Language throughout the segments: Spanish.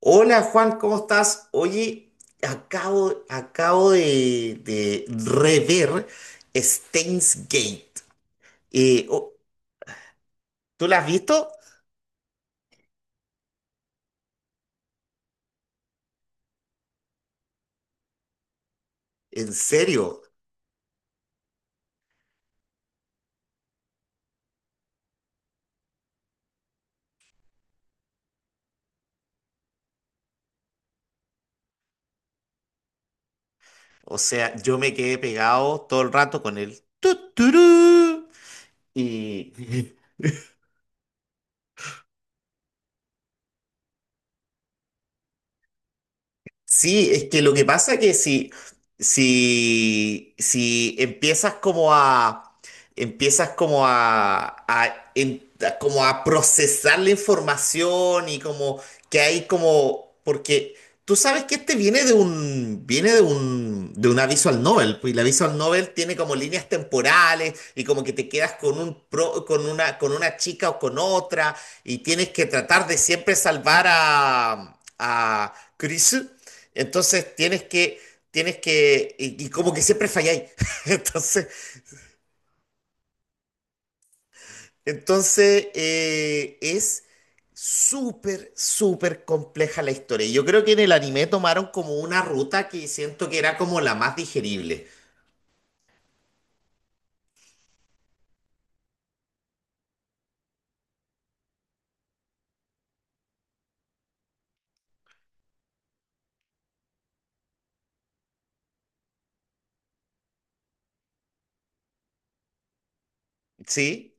Hola Juan, ¿cómo estás? Oye, acabo de rever Steins Gate. Eh, oh, ¿Tú la has visto? En serio. O sea, yo me quedé pegado todo el rato con el turú. Y Sí, es que lo que pasa que si como a procesar la información y como que hay como, porque tú sabes que este viene de una visual novel, pues, y la visual novel tiene como líneas temporales y como que te quedas con una chica o con otra y tienes que tratar de siempre salvar a, Chris. Entonces tienes que, y como que siempre falláis. Entonces, entonces, es súper, súper compleja la historia. Y yo creo que en el anime tomaron como una ruta que siento que era como la más digerible, ¿sí?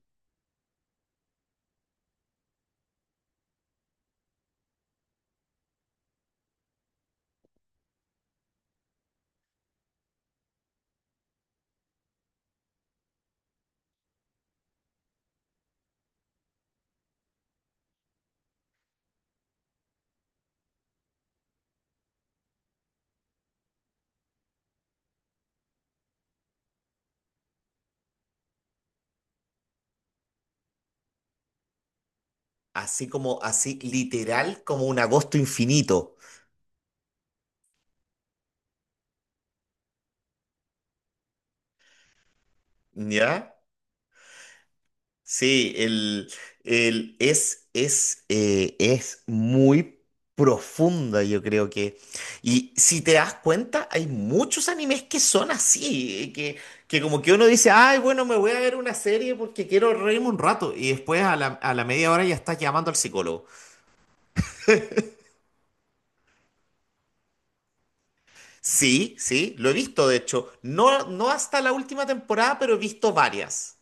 Así como, así literal, como un agosto infinito, ¿ya? Sí, es muy profunda, yo creo que. Y si te das cuenta, hay muchos animes que son así, que como que uno dice, ay, bueno, me voy a ver una serie porque quiero reírme un rato. Y después a la media hora ya estás llamando al psicólogo. Sí, sí, lo he visto, de hecho. No, no hasta la última temporada, pero he visto varias.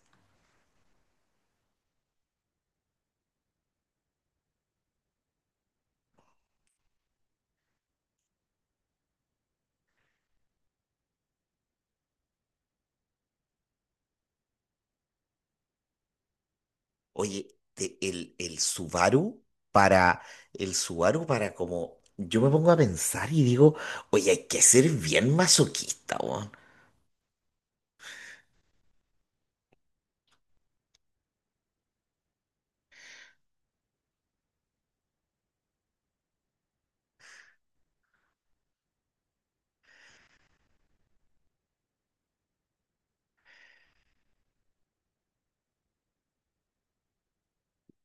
Oye, el Subaru para, el Subaru para como, yo me pongo a pensar y digo, oye, hay que ser bien masoquista, weón.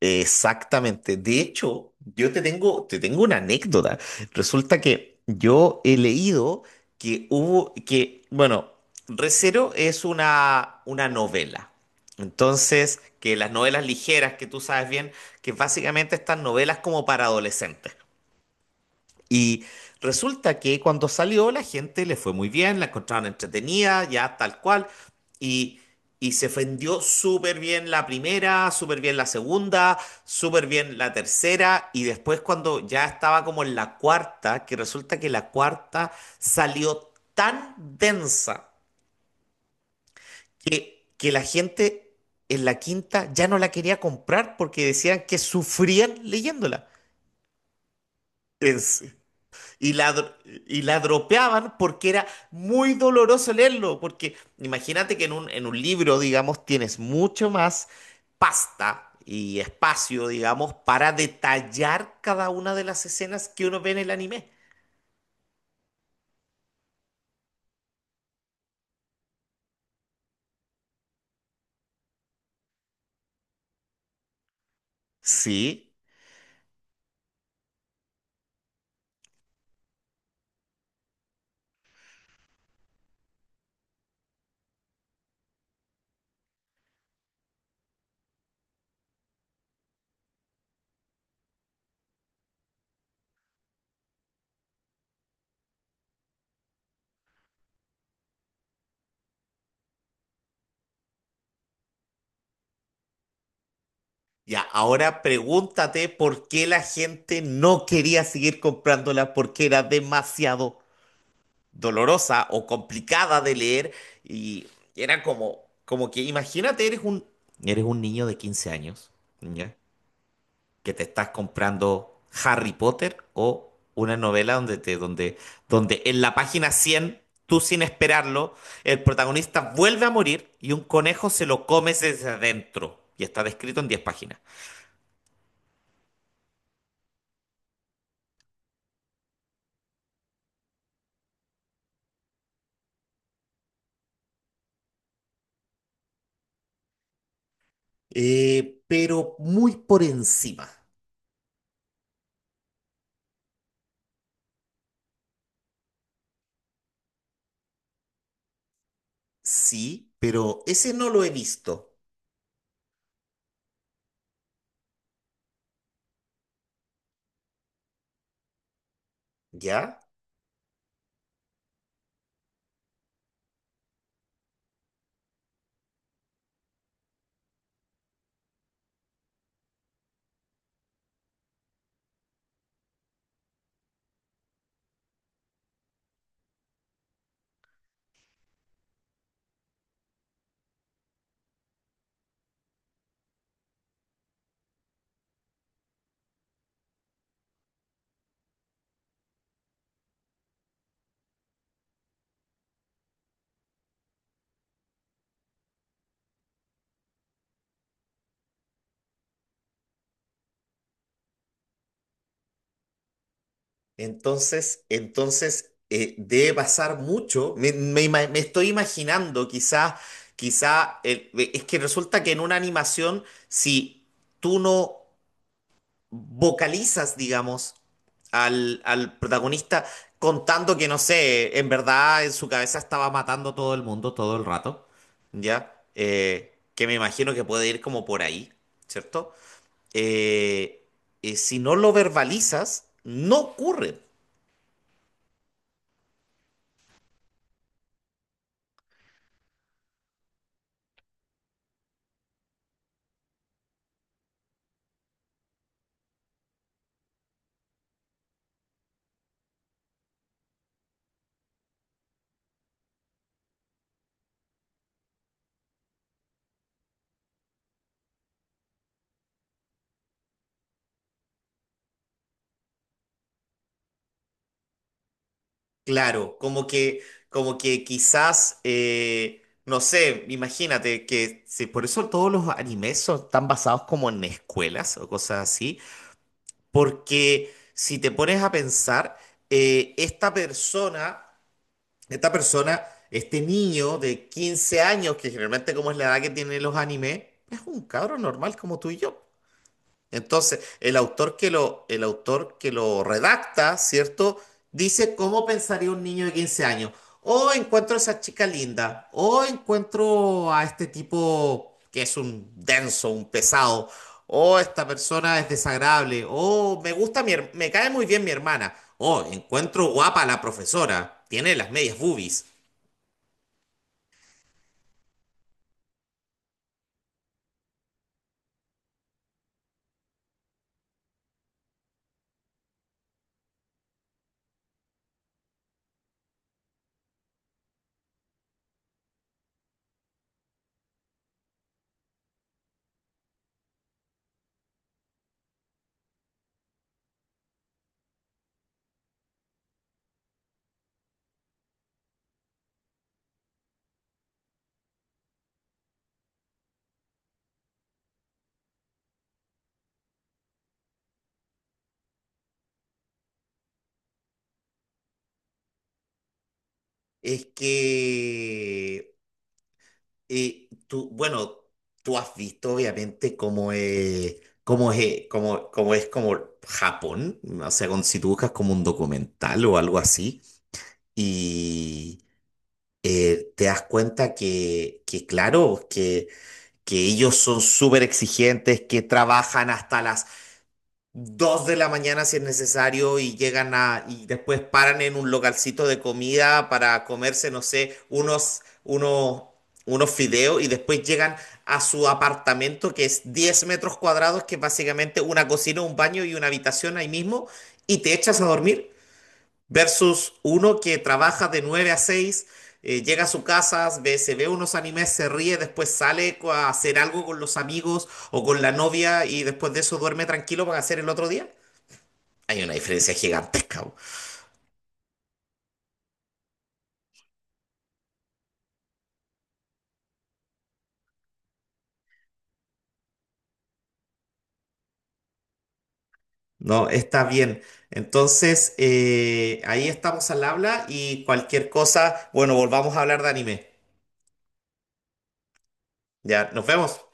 Exactamente. De hecho, yo te tengo una anécdota. Resulta que yo he leído que que, bueno, Recero es una novela. Entonces, que las novelas ligeras que tú sabes bien, que básicamente están novelas como para adolescentes. Y resulta que cuando salió la gente le fue muy bien, la encontraron entretenida, ya tal cual, y, y se vendió súper bien la primera, súper bien la segunda, súper bien la tercera, y después cuando ya estaba como en la cuarta, que resulta que la cuarta salió tan densa que la gente en la quinta ya no la quería comprar porque decían que sufrían leyéndola. Es- Y la, dro- y la dropeaban porque era muy doloroso leerlo, porque imagínate que en un libro, digamos, tienes mucho más pasta y espacio, digamos, para detallar cada una de las escenas que uno ve en el anime. Sí, ya, ahora pregúntate por qué la gente no quería seguir comprándola porque era demasiado dolorosa o complicada de leer y era como que imagínate, eres un niño de 15 años, ¿ya? Que te estás comprando Harry Potter o una novela donde en la página 100 tú sin esperarlo, el protagonista vuelve a morir y un conejo se lo come desde adentro y está descrito en 10 páginas. Pero muy por encima, sí, pero ese no lo he visto, ¿ya? Entonces, debe pasar mucho. Me estoy imaginando, quizá, es que resulta que en una animación, si tú no vocalizas, digamos, al protagonista contando que, no sé, en verdad en su cabeza estaba matando a todo el mundo todo el rato, ¿ya? Que me imagino que puede ir como por ahí, ¿cierto? Eh, si no lo verbalizas, no ocurre. Claro, como que quizás, no sé, imagínate que sí, por eso todos los animes son, están basados como en escuelas o cosas así, porque si te pones a pensar, eh, esta persona, esta persona, este niño de 15 años, que generalmente como es la edad que tienen los animes, es un cabro normal como tú y yo. Entonces, el autor que lo redacta, ¿cierto? Dice cómo pensaría un niño de 15 años. O encuentro a esa chica linda. O encuentro a este tipo que es un denso, un pesado. O esta persona es desagradable. O me cae muy bien mi hermana. O encuentro guapa a la profesora. Tiene las medias boobies. Es que Y tú has visto obviamente cómo es como Japón, o sea, si tú buscas como un documental o algo así, y te das cuenta que, claro, que ellos son súper exigentes, que trabajan hasta las 2 de la mañana si es necesario y llegan a, y después paran en un localcito de comida para comerse, no sé, unos fideos y después llegan a su apartamento que es 10 metros cuadrados, que es básicamente una cocina, un baño y una habitación ahí mismo y te echas a dormir versus uno que trabaja de 9 a 6 llega a su casa, se ve unos animes, se ríe, después a hacer algo con los amigos o con la novia y después de eso duerme tranquilo para hacer el otro día. Hay una diferencia gigantesca, po. ¿No? Está bien. Entonces, ahí estamos al habla y cualquier cosa, bueno, volvamos a hablar de anime. Ya, nos vemos.